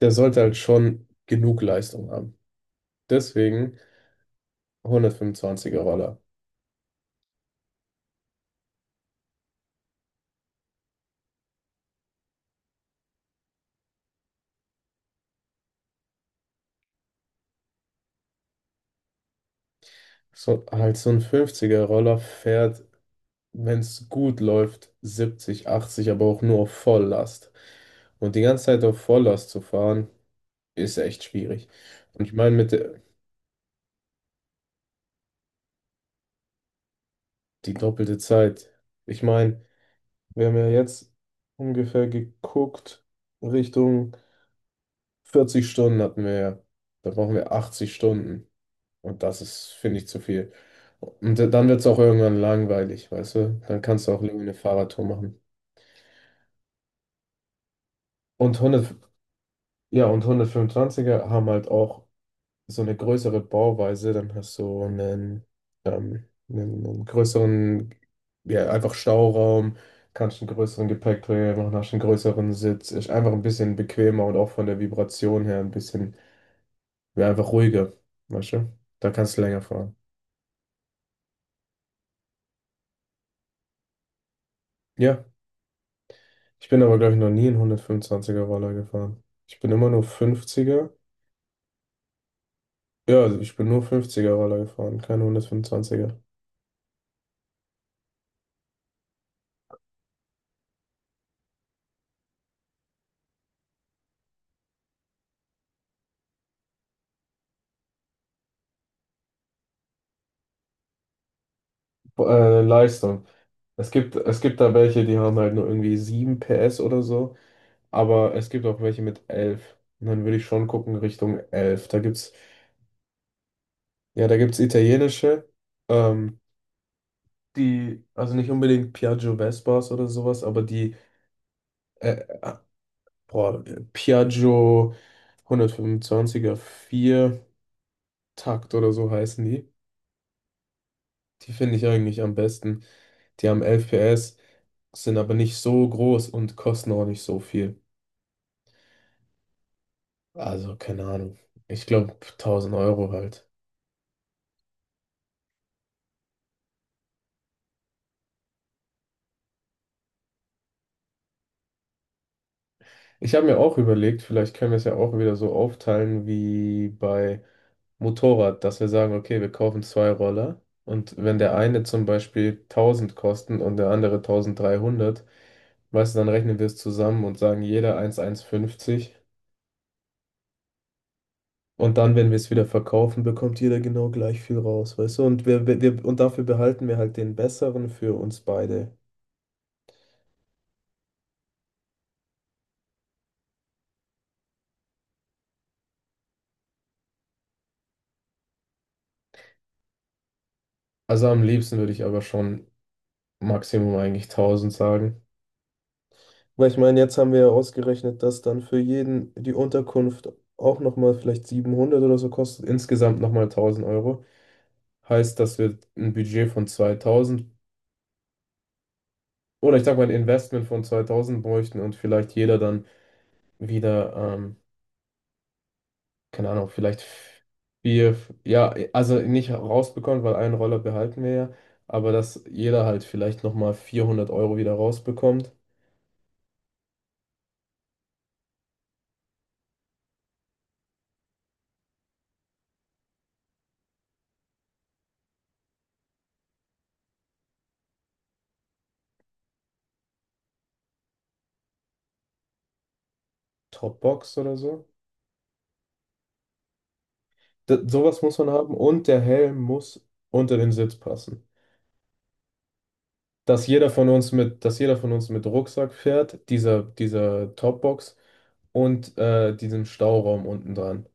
Der sollte halt schon genug Leistung haben. Deswegen 125er Roller. So, halt so ein 50er Roller fährt, wenn es gut läuft, 70, 80, aber auch nur auf Volllast. Und die ganze Zeit auf Volllast zu fahren, ist echt schwierig. Und ich meine, mit der, die doppelte Zeit. Ich meine, wir haben ja jetzt ungefähr geguckt, Richtung 40 Stunden hatten wir ja. Da brauchen wir 80 Stunden. Und das ist, finde ich, zu viel. Und dann wird es auch irgendwann langweilig, weißt du? Dann kannst du auch lieber eine Fahrradtour machen. Und hundert, ja, und hundertfünfundzwanziger haben halt auch so eine größere Bauweise. Dann hast du einen, einen, einen größeren, ja, einfach Stauraum, kannst einen größeren Gepäckträger machen, hast einen größeren Sitz. Ist einfach ein bisschen bequemer und auch von der Vibration her ein bisschen, ja, einfach ruhiger, weißt du? Da kannst du länger fahren. Ja, ich bin aber, glaube ich, noch nie einen hundertfünfundzwanziger er Roller gefahren. Ich bin immer nur fünfziger. Ja, also ich bin nur 50er-Roller gefahren, keine 125er. Leistung. Es gibt da welche, die haben halt nur irgendwie 7 PS oder so, aber es gibt auch welche mit elf. Und dann würde ich schon gucken Richtung elf. Da gibt's, ja, da gibt's italienische, ähm, die, also nicht unbedingt Piaggio Vespas oder sowas, aber die, äh, äh, boah, Piaggio 125er 4 Takt oder so heißen die. Die finde ich eigentlich am besten. Die haben 11 PS, sind aber nicht so groß und kosten auch nicht so viel. Also keine Ahnung. Ich glaube tausend Euro halt. Ich habe mir auch überlegt, vielleicht können wir es ja auch wieder so aufteilen wie bei Motorrad, dass wir sagen, okay, wir kaufen zwei Roller und wenn der eine zum Beispiel tausend kostet und der andere tausenddreihundert, weißt du, dann rechnen wir es zusammen und sagen jeder 1.150, und dann, wenn wir es wieder verkaufen, bekommt jeder genau gleich viel raus, weißt du? Und und dafür behalten wir halt den besseren für uns beide. Also am liebsten würde ich aber schon Maximum eigentlich tausend sagen. Weil ich meine, jetzt haben wir ja ausgerechnet, dass dann für jeden die Unterkunft auch nochmal vielleicht 700 oder so kostet, insgesamt nochmal tausend Euro. Heißt, dass wir ein Budget von zweitausend oder ich sag mal ein Investment von 2000 bräuchten und vielleicht jeder dann wieder, keine Ahnung, vielleicht vier, ja, also nicht rausbekommt, weil einen Roller behalten wir ja, aber dass jeder halt vielleicht nochmal 400 Euro wieder rausbekommt. Dropbox oder so. D sowas muss man haben und der Helm muss unter den Sitz passen. Dass jeder von uns mit Rucksack fährt, dieser Topbox und diesem Stauraum unten dran.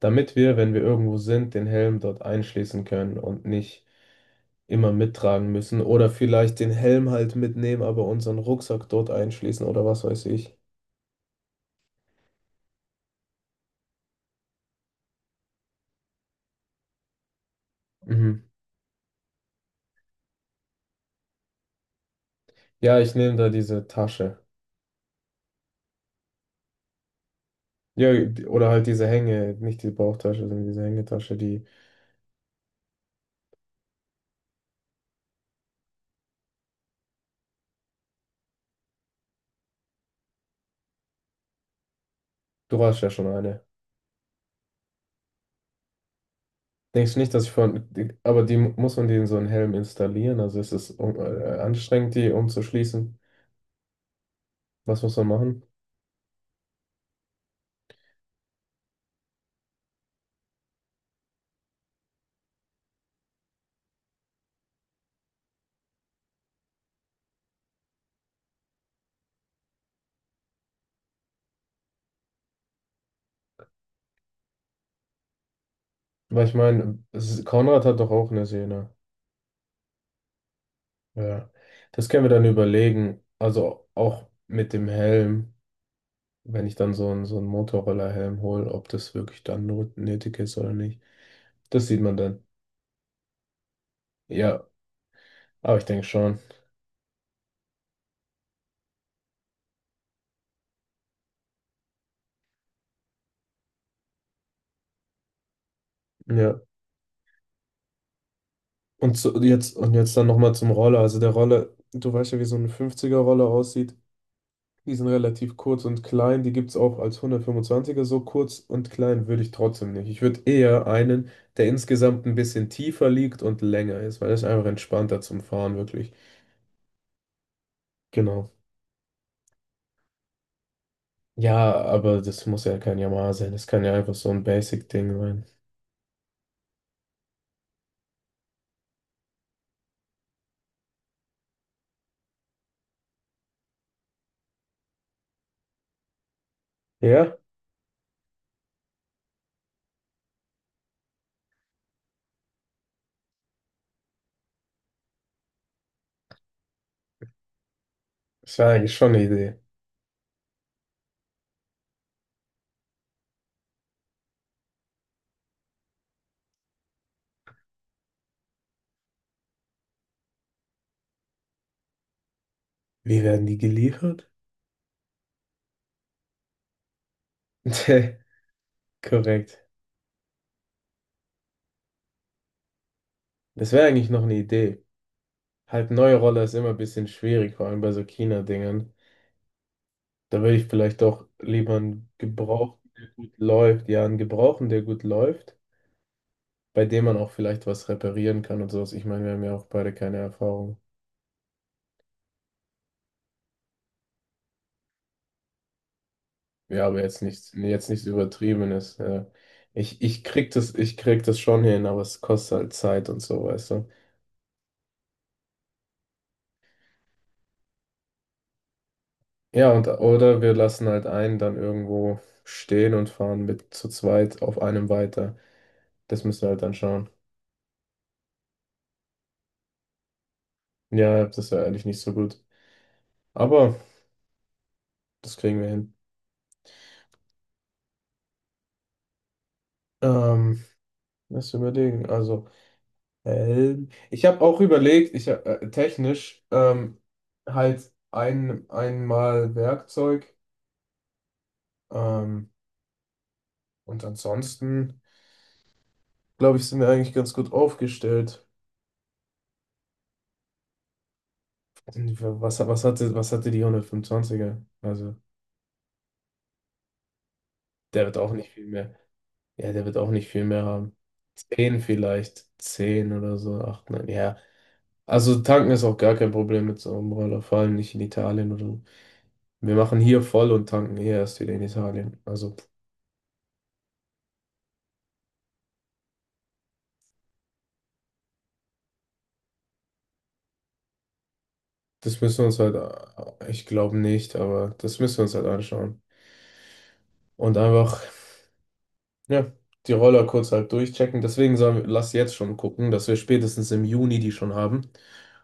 Damit wir, wenn wir irgendwo sind, den Helm dort einschließen können und nicht immer mittragen müssen oder vielleicht den Helm halt mitnehmen, aber unseren Rucksack dort einschließen oder was weiß ich. Mhm. Ja, ich nehme da diese Tasche. Ja, die- oder halt diese Hänge, nicht die Bauchtasche, sondern diese Hängetasche, die, du hast ja schon eine. Denkst du nicht, dass ich von, die- aber die muss man den so einen Helm installieren? Also ist es um, anstrengend, die umzuschließen? Was muss man machen? Weil ich meine, es Konrad hat doch auch eine Sehne. Ja, das können wir dann überlegen. Also auch mit dem Helm, wenn ich dann so einen Motorroller-Helm hole, ob das wirklich dann not- nötig ist oder nicht. Das sieht man dann. Ja, aber ich denke schon. Ja. Und so, jetzt, und jetzt dann nochmal zum Roller. Also der Roller, du weißt ja, wie so ein 50er-Roller aussieht. Die sind relativ kurz und klein. Die gibt es auch als 125er so kurz und klein würde ich trotzdem nicht. Ich würde eher einen, der insgesamt ein bisschen tiefer liegt und länger ist, weil das ist einfach entspannter zum Fahren, wirklich. Genau. Ja, aber das muss ja kein Yamaha sein. Das kann ja einfach so ein Basic-Ding sein. Ja, das wäre eigentlich schon eine Idee. Wie werden die geliefert? Tja, korrekt. Das wäre eigentlich noch eine Idee. Halt, neue Roller ist immer ein bisschen schwierig, vor allem bei so China-Dingern. Da würde ich vielleicht auch lieber einen Gebrauchten, der gut läuft. Ja, einen Gebrauchten, der gut läuft, bei dem man auch vielleicht was reparieren kann und sowas. Ich meine, wir haben ja auch beide keine Erfahrung. Ja, aber jetzt nichts Übertriebenes. Ja. Ich krieg das, ich krieg das schon hin, aber es kostet halt Zeit und so, weißt du. Ja, und oder wir lassen halt einen dann irgendwo stehen und fahren mit zu zweit auf einem weiter. Das müssen wir halt dann schauen. Ja, das ist ja eigentlich nicht so gut. Aber das kriegen wir hin. Ähm, Lass überlegen. Also, Helm. Ich habe auch überlegt, ich hab, technisch halt ein, einmal Werkzeug, ähm, und ansonsten, glaube ich, sind wir eigentlich ganz gut aufgestellt. Was hatte die 125er? Also, der wird auch nicht viel mehr. Ja, der wird auch nicht viel mehr haben. Zehn vielleicht, zehn oder so, acht, neun, ja. Also, tanken ist auch gar kein Problem mit so einem Roller, vor allem nicht in Italien oder so. Wir machen hier voll und tanken hier erst wieder in Italien. Also, das müssen wir uns halt, ich glaube nicht, aber das müssen wir uns halt anschauen. Und einfach, ja, die Roller kurz halt durchchecken. Deswegen sagen wir, lass jetzt schon gucken, dass wir spätestens im Juni die schon haben,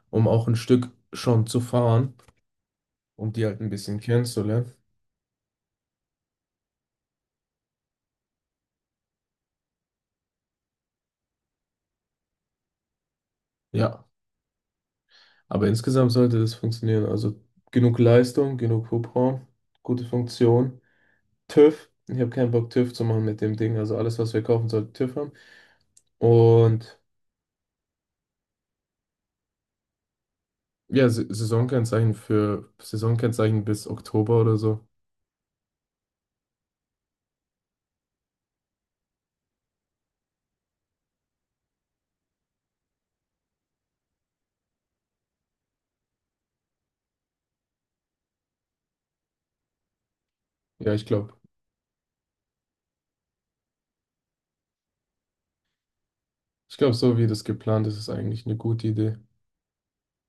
um auch ein Stück schon zu fahren, um die halt ein bisschen kennenzulernen. Ja, aber insgesamt sollte das funktionieren. Also, genug Leistung, genug Hubraum, gute Funktion. TÜV. Ich habe keinen Bock, TÜV zu machen mit dem Ding. Also, alles, was wir kaufen, sollte TÜV haben. Und ja, S Saisonkennzeichen für Saisonkennzeichen bis Oktober oder so. Ja, ich glaube, so wie das geplant ist, ist eigentlich eine gute Idee.